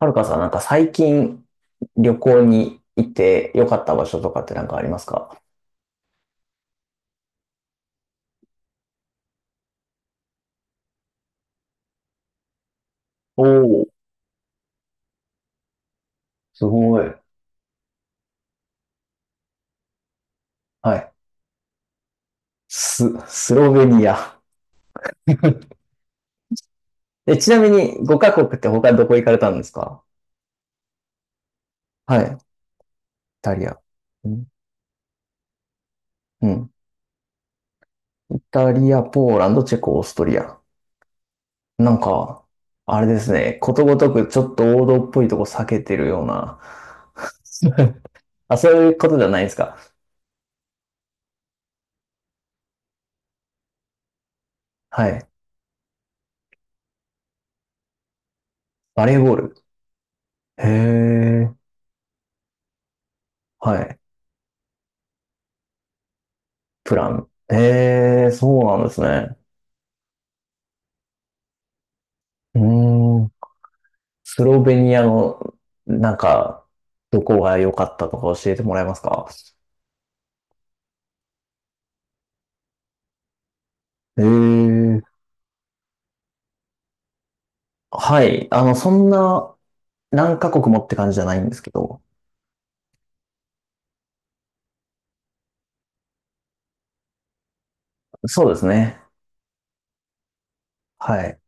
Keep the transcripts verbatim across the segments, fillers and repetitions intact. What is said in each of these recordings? はるかさん、なんか最近旅行に行って良かった場所とかってなんかありますか？おおー、すごい。はい。ス、スロベニア。え、ちなみにごかこくカ国って他どこ行かれたんですか？はい。イタリア。うんうん。イタリア、ポーランド、チェコ、オーストリア。なんか、あれですね。ことごとくちょっと王道っぽいとこ避けてるような。あ、そういうことじゃないですか。はい。バレーボール。へえ。はい。プラン。へえ、そうなんですね。うーん。スロベニアの、なんか、どこが良かったとか教えてもらえますか？へえ。はい。あの、そんな、何カ国もって感じじゃないんですけど。そうですね。はい。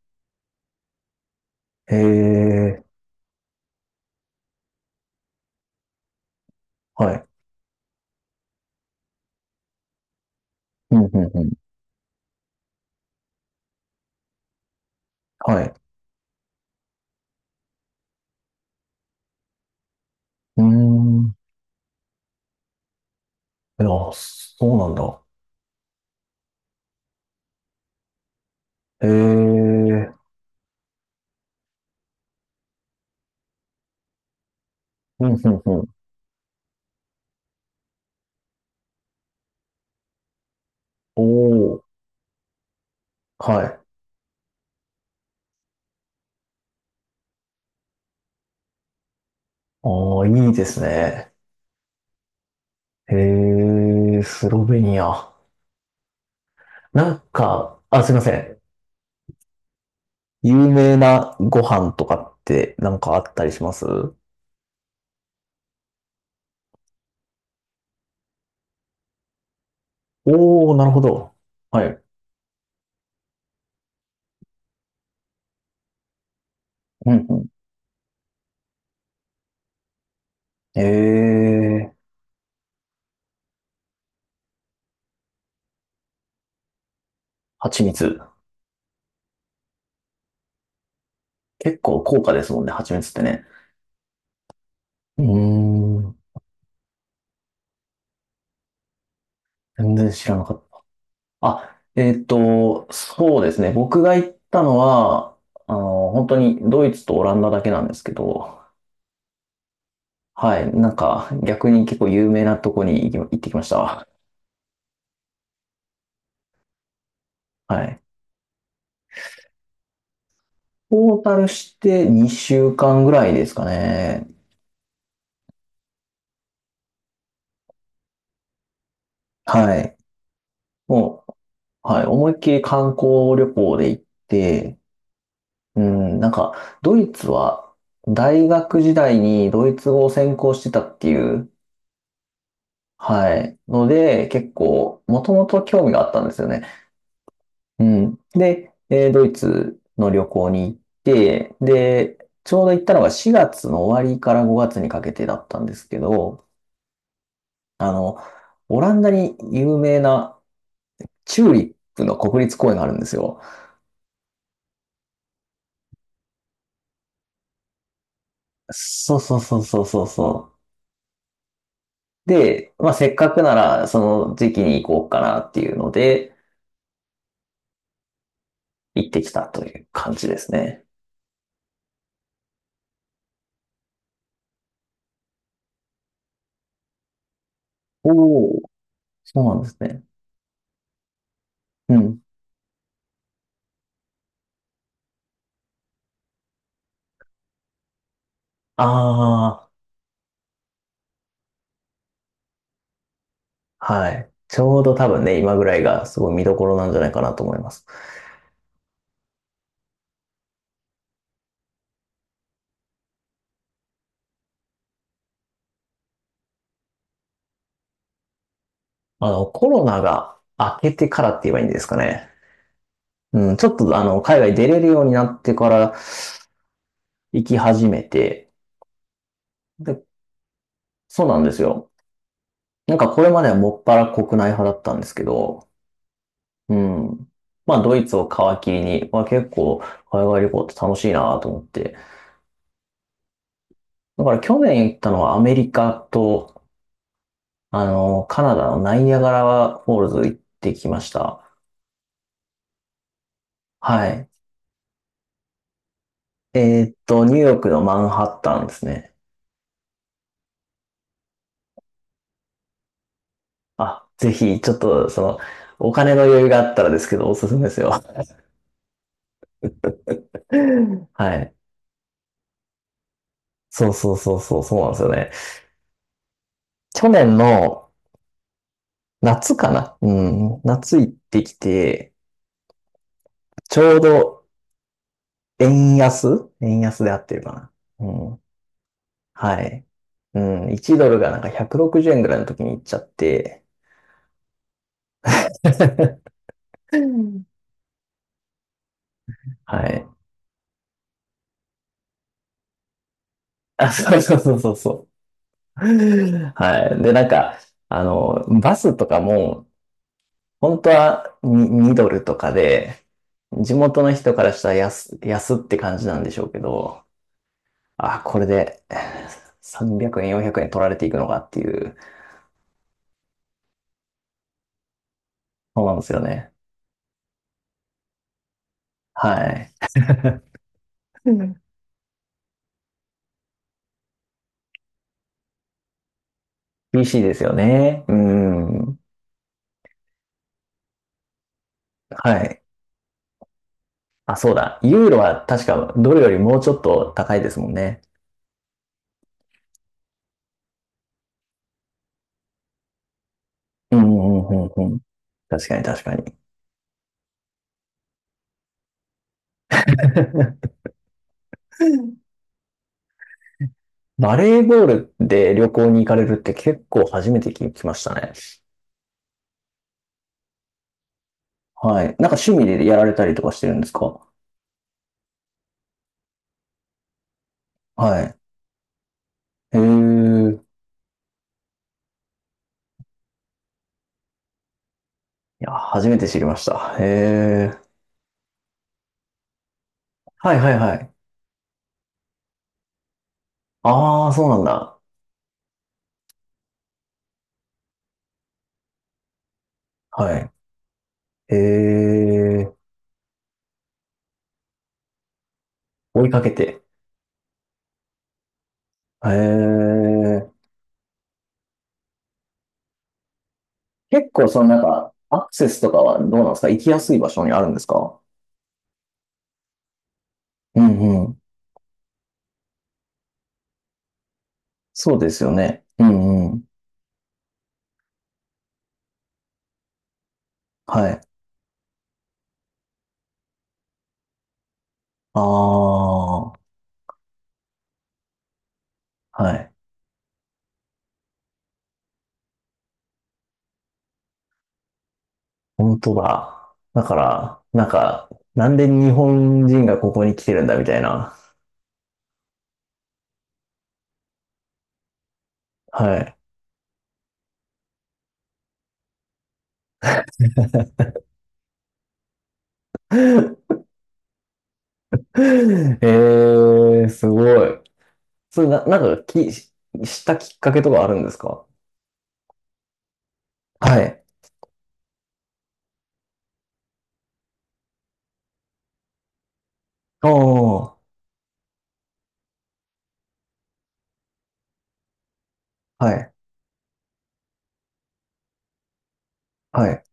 へえ。はい。うん、うん、うん。はい。うーん。いや、そうなんだ。へえ。うん、うん、うん。おお。はい。ああ、いいですね。へえ、スロベニア。なんか、あ、すいません。有名なご飯とかってなんかあったりします？おー、なるほど。はい。うんうん。えー、蜂蜜。結構高価ですもんね、蜂蜜ってね。うーん、全然知らなかった。あ、えっと、そうですね。僕が行ったのは、あの、本当にドイツとオランダだけなんですけど、はい。なんか、逆に結構有名なとこに行き行ってきました。はい。トータルしてにしゅうかんぐらいですかね。はい。もう、はい。思いっきり観光旅行で行って、うん、なんか、ドイツは大学時代にドイツ語を専攻してたっていう、はい。ので、結構、もともと興味があったんですよね。うん。で、えードイツの旅行に行って、で、ちょうど行ったのがしがつの終わりからごがつにかけてだったんですけど、あの、オランダに有名なチューリップの国立公園があるんですよ。そうそうそうそうそうそう。で、まあ、せっかくならその時期に行こうかなっていうので、行ってきたという感じですね。おお、そうなんですね。うん。ああ、はい。ちょうど多分ね、今ぐらいがすごい見どころなんじゃないかなと思います。あの、コロナが明けてからって言えばいいんですかね。うん、ちょっとあの、海外出れるようになってから行き始めて、で、そうなんですよ。なんかこれまではもっぱら国内派だったんですけど、うん。まあドイツを皮切りに、まあ結構海外旅行って楽しいなと思って。だから去年行ったのはアメリカと、あの、カナダのナイニャガラフォールズ行ってきました。はい。えーっと、ニューヨークのマンハッタンですね。あ、ぜひ、ちょっと、その、お金の余裕があったらですけど、おすすめですよ。はい。そうそうそうそう、そうなんですよね。去年の、夏かな。うん。夏行ってきて、ちょうど円安円安で合ってるかな。うん。はい。うん。いちドルがなんかひゃくろくじゅうえんぐらいの時に行っちゃって、うん、はい。あ、そうそうそうそうそう。はい。で、なんか、あの、バスとかも、本当は に, ドルとかで、地元の人からしたら安、安って感じなんでしょうけど、あ、これでさんびゃくえん、よんひゃくえん取られていくのかっていう、そうなんですよね。はい。うん。厳しいですよね。うん。はい。あ、そうだ。ユーロは確かドルよりもうちょっと高いですもんね。うんうんうんうんうん。確かに確かに。バレーボールで旅行に行かれるって結構初めて聞きましたね。はい。なんか趣味でやられたりとかしてるんですか？はい。へえ。いや、初めて知りました。へえ。はいはいはい。ああ、そうなんだ。はい。へえ。追いかけて。へえ。結構そのなんか、アクセスとかはどうなんですか？行きやすい場所にあるんですか？うんうん。そうですよね。うんうん。はい。ああ、はい。本当だ。だから、なんか、なんで日本人がここに来てるんだみたいな。はい。ええすごい。それな、なんかき、したきっかけとかあるんですか？はい。おー、はい、はい。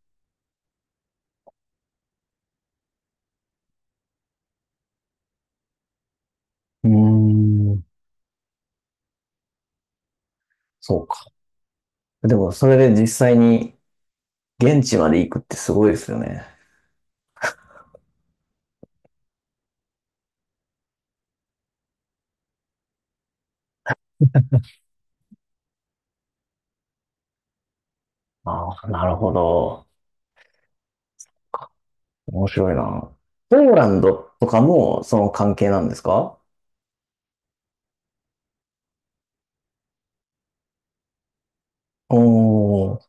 うーん、そうか。でも、それで実際に現地まで行くってすごいですよね。ああ、なるほど。面白いな。ポーランドとかもその関係なんですか？おー。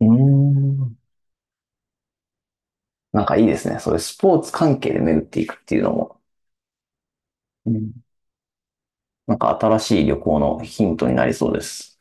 うーん。なんかいいですね。そういうスポーツ関係で巡っていくっていうのも、うん。なんか新しい旅行のヒントになりそうです。